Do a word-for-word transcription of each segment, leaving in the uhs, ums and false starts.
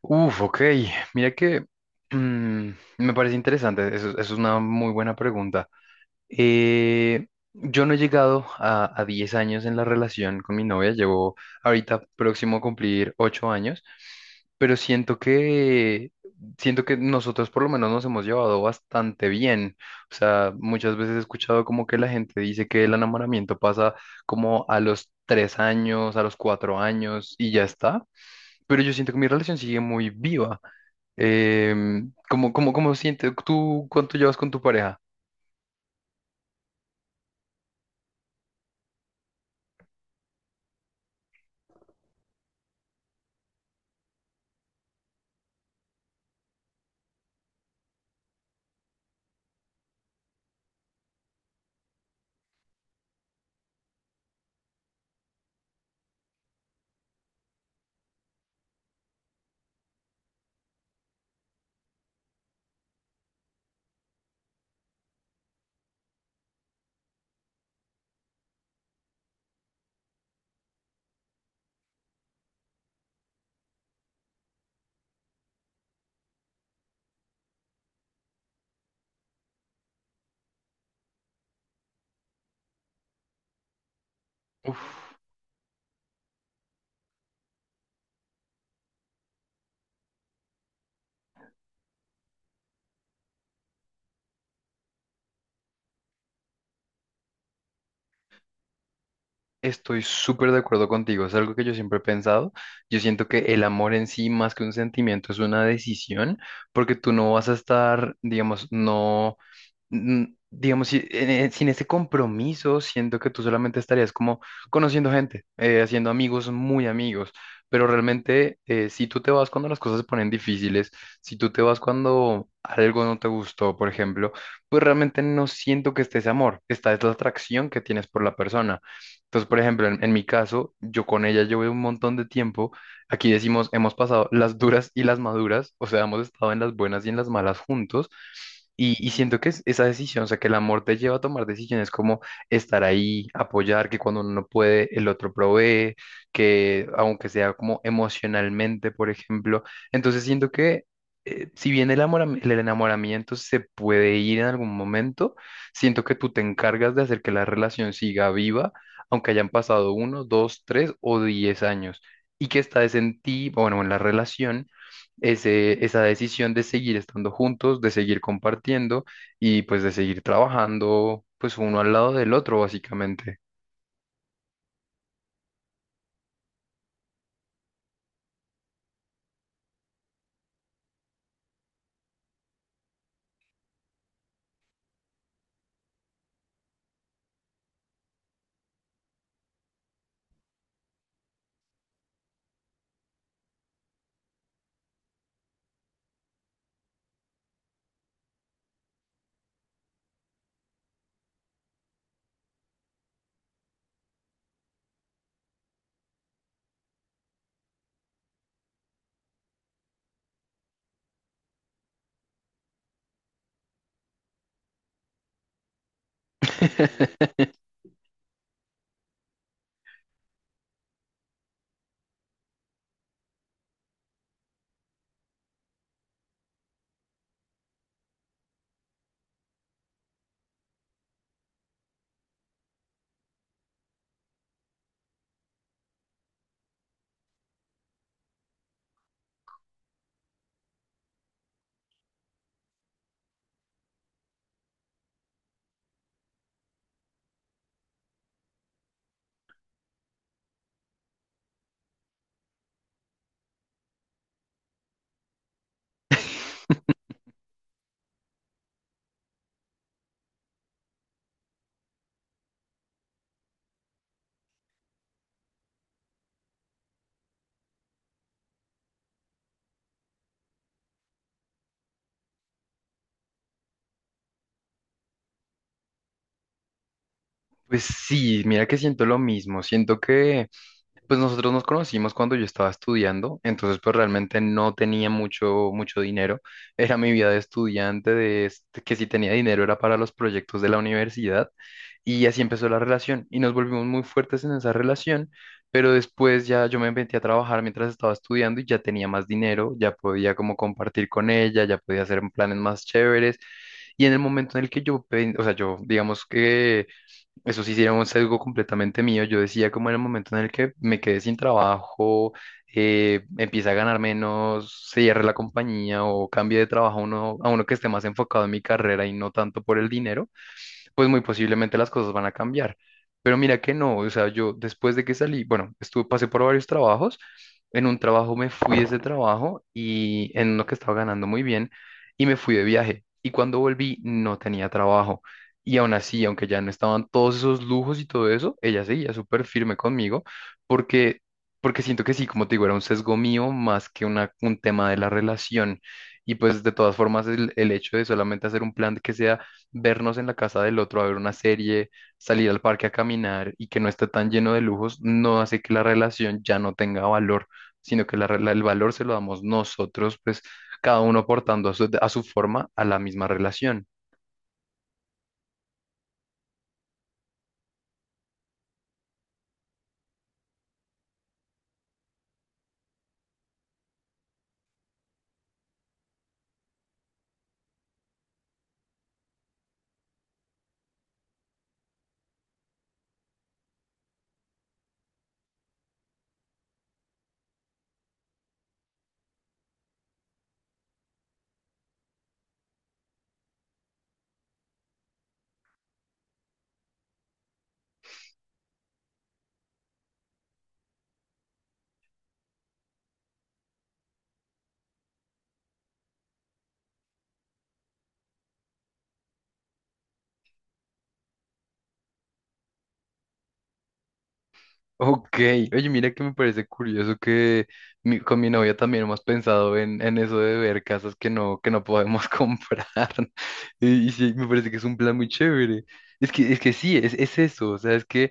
Uf, ok. Mira que mm, me parece interesante. Eso, eso es una muy buena pregunta. Eh, yo no he llegado a, a 10 años en la relación con mi novia. Llevo ahorita próximo a cumplir ocho años, pero siento que siento que nosotros por lo menos nos hemos llevado bastante bien. O sea, muchas veces he escuchado como que la gente dice que el enamoramiento pasa como a los tres años, a los cuatro años y ya está. Pero yo siento que mi relación sigue muy viva. Em, ¿cómo, cómo, cómo sientes tú cuánto llevas con tu pareja? Uf, estoy súper de acuerdo contigo, es algo que yo siempre he pensado. Yo siento que el amor en sí, más que un sentimiento, es una decisión, porque tú no vas a estar, digamos, no. Mm, digamos, si- en- sin ese compromiso, siento que tú solamente estarías como conociendo gente, eh, haciendo amigos muy amigos, pero realmente eh, si tú te vas cuando las cosas se ponen difíciles, si tú te vas cuando algo no te gustó, por ejemplo, pues realmente no siento que esté ese amor, esta es la atracción que tienes por la persona. Entonces, por ejemplo, en, en mi caso, yo con ella llevo un montón de tiempo. Aquí decimos, hemos pasado las duras y las maduras, o sea, hemos estado en las buenas y en las malas juntos. Y, y siento que es esa decisión, o sea, que el amor te lleva a tomar decisiones como estar ahí, apoyar, que cuando uno no puede, el otro provee, que aunque sea como emocionalmente, por ejemplo. Entonces siento que eh, si bien el amor, el enamoramiento se puede ir en algún momento, siento que tú te encargas de hacer que la relación siga viva, aunque hayan pasado uno, dos, tres o diez años y que está es en ti, bueno, en la relación, ese, esa decisión de seguir estando juntos, de seguir compartiendo y pues de seguir trabajando, pues uno al lado del otro, básicamente. Pues sí, mira que siento lo mismo, siento que pues nosotros nos conocimos cuando yo estaba estudiando, entonces pues realmente no tenía mucho, mucho dinero. Era mi vida de estudiante, de este- que si tenía dinero era para los proyectos de la universidad y así empezó la relación y nos volvimos muy fuertes en esa relación, pero después ya yo me metí a trabajar mientras estaba estudiando y ya tenía más dinero, ya podía como compartir con ella, ya podía hacer planes más chéveres y en el momento en el que yo, pen- o sea, yo digamos que... Eso sí, sí era un sesgo completamente mío. Yo decía como en el momento en el que me quedé sin trabajo, eh, empieza a ganar menos, se cierre la compañía o cambie de trabajo a uno, a uno que esté más enfocado en mi carrera y no tanto por el dinero pues muy posiblemente las cosas van a cambiar. Pero mira que no, o sea, yo después de que salí, bueno, estuve, pasé por varios trabajos, en un trabajo me fui de ese trabajo y en uno que estaba ganando muy bien y me fui de viaje. Y cuando volví no tenía trabajo. Y aún así, aunque ya no estaban todos esos lujos y todo eso, ella seguía súper firme conmigo porque, porque siento que sí, como te digo, era un sesgo mío más que una, un tema de la relación. Y pues de todas formas, el, el hecho de solamente hacer un plan que sea vernos en la casa del otro a ver una serie, salir al parque a caminar y que no esté tan lleno de lujos, no hace que la relación ya no tenga valor, sino que la re- la- el valor se lo damos nosotros, pues cada uno aportando a su, a su forma a la misma relación. Ok, oye, mira que me parece curioso que mi- con mi novia también hemos pensado en, en eso de ver casas que no, que no podemos comprar. Y, y sí, me parece que es un plan muy chévere. Es que, es que sí, es, es eso. O sea, es que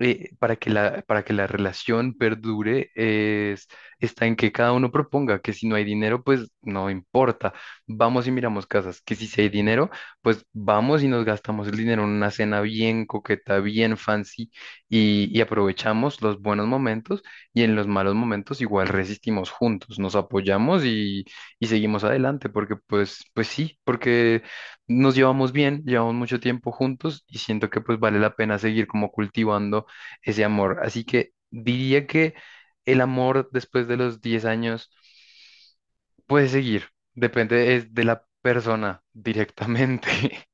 eh, para que la, para que la relación perdure es, está en que cada uno proponga, que si no hay dinero, pues no importa. Vamos y miramos casas, que si sí hay dinero, pues vamos y nos gastamos el dinero en una cena bien coqueta, bien fancy y, y aprovechamos los buenos momentos y en los malos momentos igual resistimos juntos, nos apoyamos y, y seguimos adelante, porque pues, pues sí, porque nos llevamos bien, llevamos mucho tiempo juntos y siento que pues vale la pena seguir como cultivando ese amor. Así que diría que el amor después de los diez años puede seguir, depende es de la persona directamente.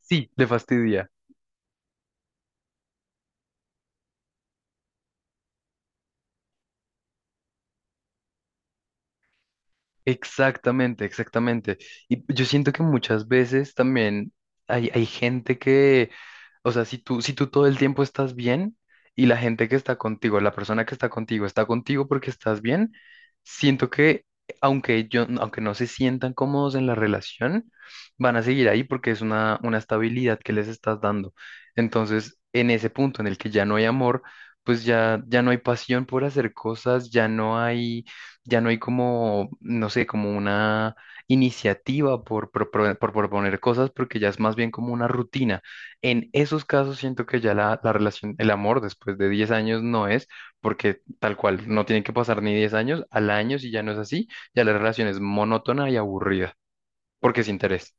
Sí, le fastidia. Exactamente, exactamente. Y yo siento que muchas veces también hay, hay gente que, o sea, si tú, si tú todo el tiempo estás bien y la gente que está contigo, la persona que está contigo, está contigo porque estás bien, siento que aunque yo, aunque no se sientan cómodos en la relación, van a seguir ahí porque es una, una estabilidad que les estás dando. Entonces, en ese punto en el que ya no hay amor, pues ya, ya no hay pasión por hacer cosas, ya no hay ya no hay como, no sé, como una iniciativa por, propone- por proponer cosas porque ya es más bien como una rutina. En esos casos siento que ya la, la relación, el amor después de diez años no es, porque tal cual, no tiene que pasar ni diez años, al año si ya no es así, ya la relación es monótona y aburrida, porque es interés.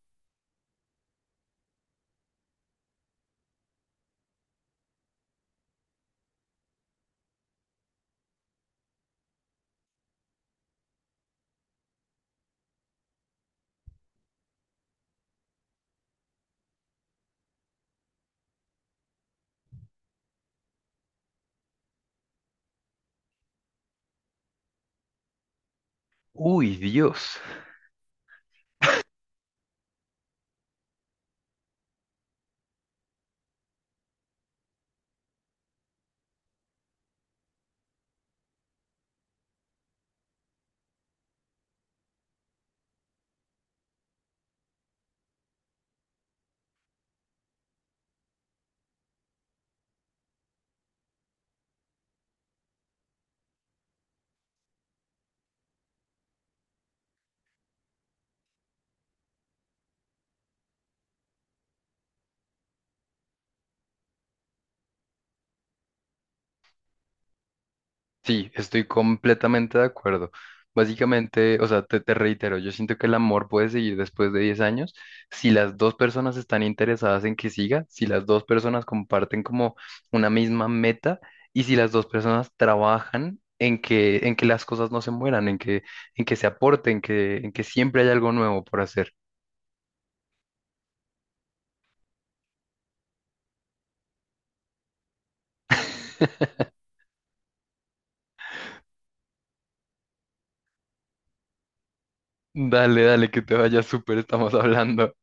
Uy, Dios. Sí, estoy completamente de acuerdo. Básicamente, o sea, te, te reitero, yo siento que el amor puede seguir después de diez años si las dos personas están interesadas en que siga, si las dos personas comparten como una misma meta y si las dos personas trabajan en que, en que las cosas no se mueran, en que, en que se aporten, que, en que siempre hay algo nuevo por hacer. Dale, dale, que te vaya súper, estamos hablando.